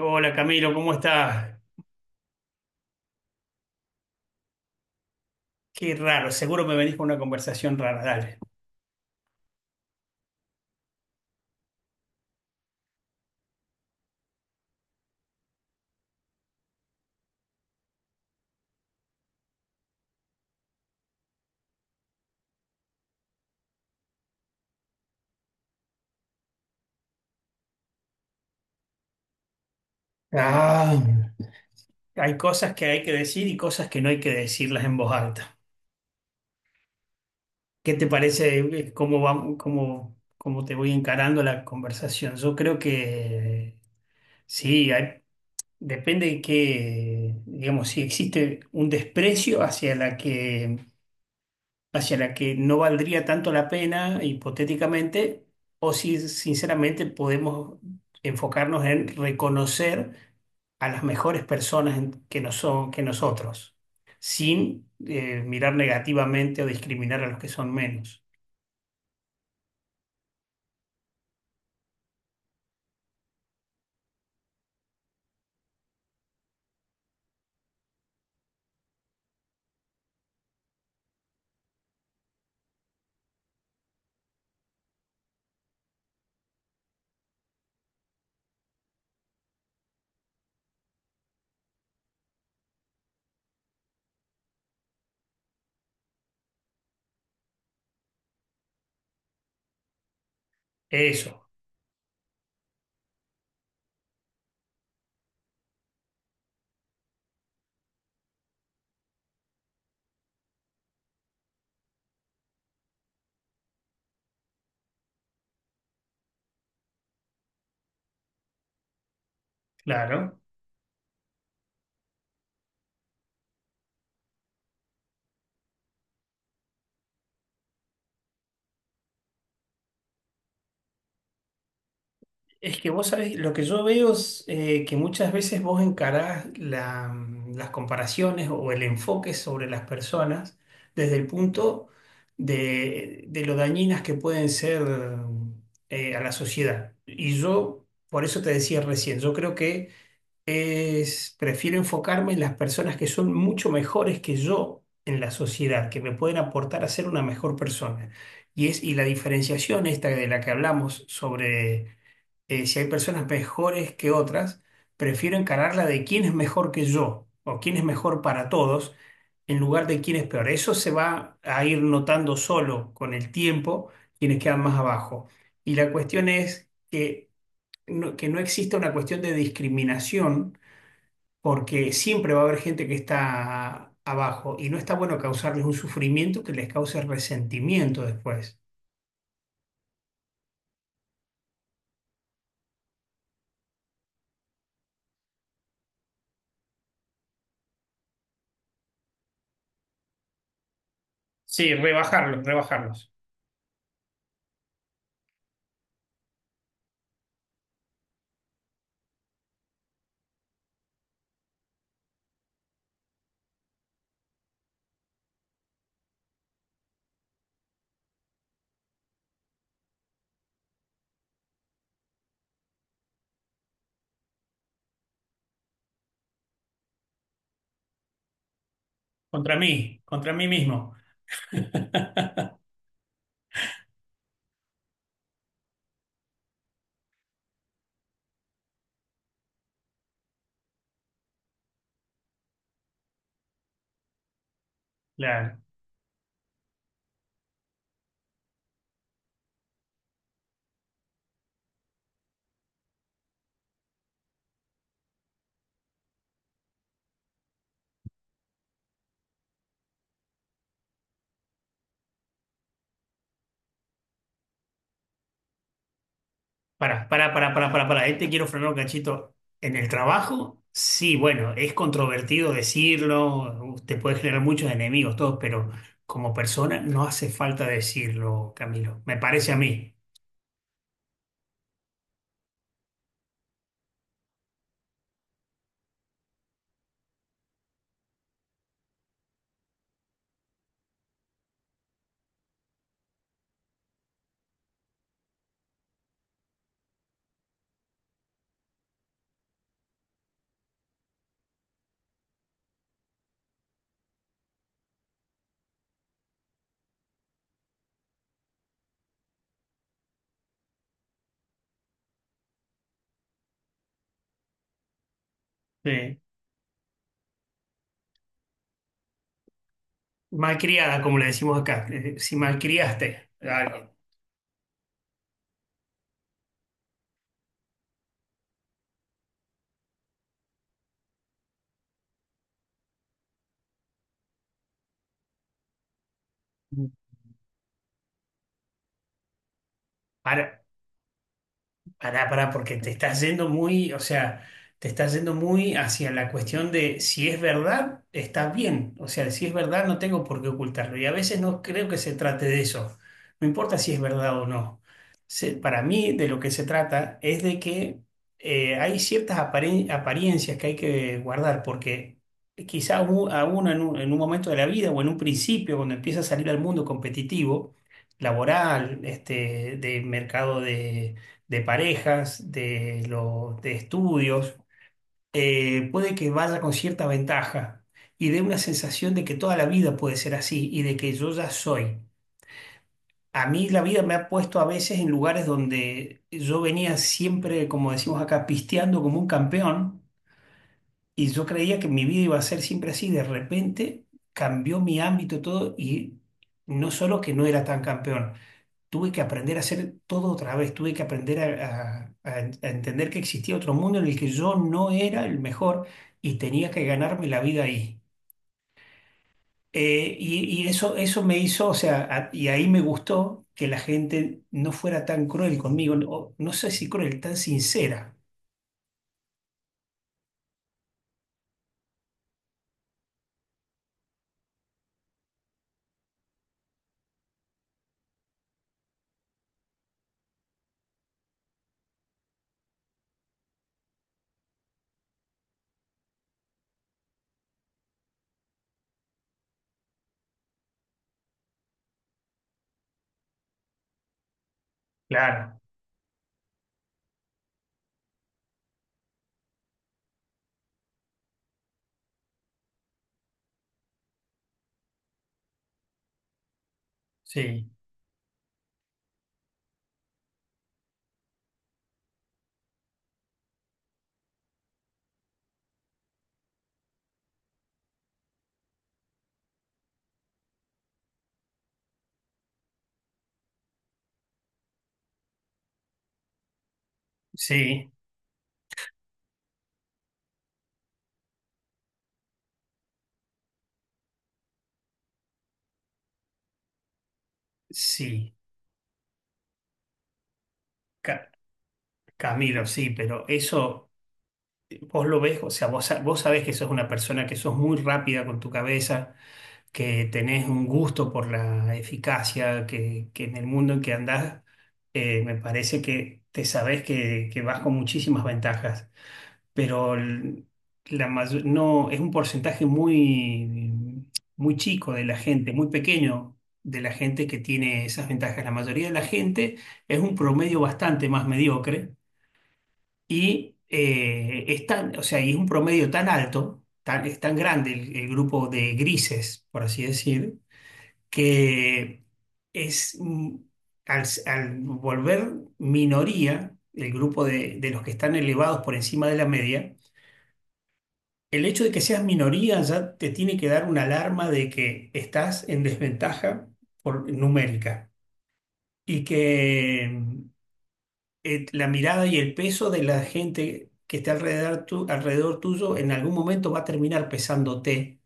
Hola Camilo, ¿cómo estás? Qué raro, seguro me venís con una conversación rara, dale. Ah, hay cosas que hay que decir y cosas que no hay que decirlas en voz alta. ¿Qué te parece cómo vamos, cómo te voy encarando la conversación? Yo creo que sí, depende de que, digamos, si existe un desprecio hacia la que no valdría tanto la pena, hipotéticamente, o si sinceramente podemos enfocarnos en reconocer a las mejores personas que, nos son, que nosotros, sin mirar negativamente o discriminar a los que son menos. Eso, claro. Es que vos sabés, lo que yo veo es que muchas veces vos encarás las comparaciones o el enfoque sobre las personas desde el punto de lo dañinas que pueden ser a la sociedad. Y yo, por eso te decía recién, yo creo que es, prefiero enfocarme en las personas que son mucho mejores que yo en la sociedad, que me pueden aportar a ser una mejor persona. Y es, y la diferenciación esta de la que hablamos sobre si hay personas mejores que otras, prefiero encararla de quién es mejor que yo o quién es mejor para todos en lugar de quién es peor. Eso se va a ir notando solo con el tiempo quienes quedan más abajo. Y la cuestión es que no exista una cuestión de discriminación porque siempre va a haber gente que está abajo y no está bueno causarles un sufrimiento que les cause resentimiento después. Sí, rebajarlos, rebajarlos. Contra mí mismo. Claro. Para, para. Ahí te quiero frenar un cachito. En el trabajo, sí, bueno, es controvertido decirlo, te puede generar muchos enemigos, todos, pero como persona no hace falta decirlo, Camilo. Me parece a mí. Sí. Malcriada, como le decimos acá. Si malcriaste a alguien, pará, pará, porque te estás yendo muy, o sea, te estás yendo muy hacia la cuestión de si es verdad, está bien. O sea, si es verdad, no tengo por qué ocultarlo. Y a veces no creo que se trate de eso. No importa si es verdad o no. Para mí, de lo que se trata es de que hay ciertas apariencias que hay que guardar, porque quizá a a uno en un momento de la vida o en un principio, cuando empieza a salir al mundo competitivo, laboral, este, de mercado de parejas, de, lo, de estudios, puede que vaya con cierta ventaja y dé una sensación de que toda la vida puede ser así y de que yo ya soy. A mí la vida me ha puesto a veces en lugares donde yo venía siempre, como decimos acá, pisteando como un campeón y yo creía que mi vida iba a ser siempre así. De repente cambió mi ámbito todo y no solo que no era tan campeón tuve que aprender a hacer todo otra vez, tuve que aprender a entender que existía otro mundo en el que yo no era el mejor y tenía que ganarme la vida ahí. Y eso, eso me hizo, o sea, y ahí me gustó que la gente no fuera tan cruel conmigo, no, no sé si cruel, tan sincera. Claro, sí, sí, sí, Ca- Camilo, sí, pero eso vos lo ves, o sea, vos, vos sabés que sos una persona que sos muy rápida con tu cabeza que tenés un gusto por la eficacia, que en el mundo en que andás, me parece que te sabés que vas con muchísimas ventajas, pero no, es un porcentaje muy chico de la gente, muy pequeño de la gente que tiene esas ventajas. La mayoría de la gente es un promedio bastante más mediocre y o sea, y es un promedio tan alto, tan, es tan grande el grupo de grises, por así decir que es, al, al volver minoría, el grupo de los que están elevados por encima de la media, el hecho de que seas minoría ya te tiene que dar una alarma de que estás en desventaja por, numérica y que la mirada y el peso de la gente que está alrededor, alrededor tuyo en algún momento va a terminar pesándote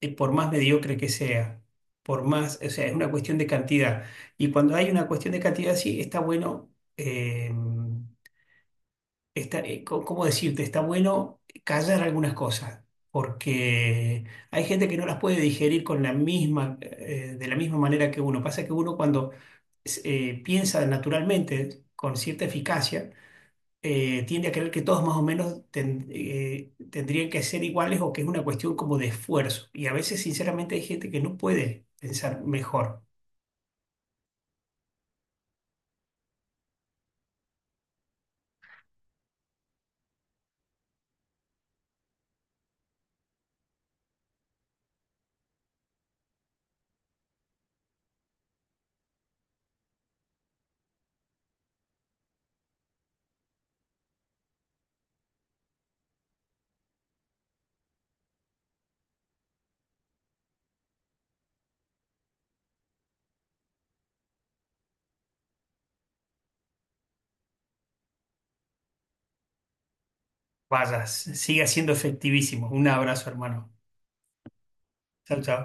por más mediocre que sea, por más, o sea, es una cuestión de cantidad. Y cuando hay una cuestión de cantidad sí está bueno, eh, ¿cómo decirte? Está bueno callar algunas cosas. Porque hay gente que no las puede digerir con la misma, de la misma manera que uno. Pasa que uno cuando piensa naturalmente, con cierta eficacia, tiende a creer que todos más o menos tendrían que ser iguales o que es una cuestión como de esfuerzo. Y a veces, sinceramente, hay gente que no puede pensar mejor. Vaya, sigue siendo efectivísimo. Un abrazo, hermano. Chao, chao.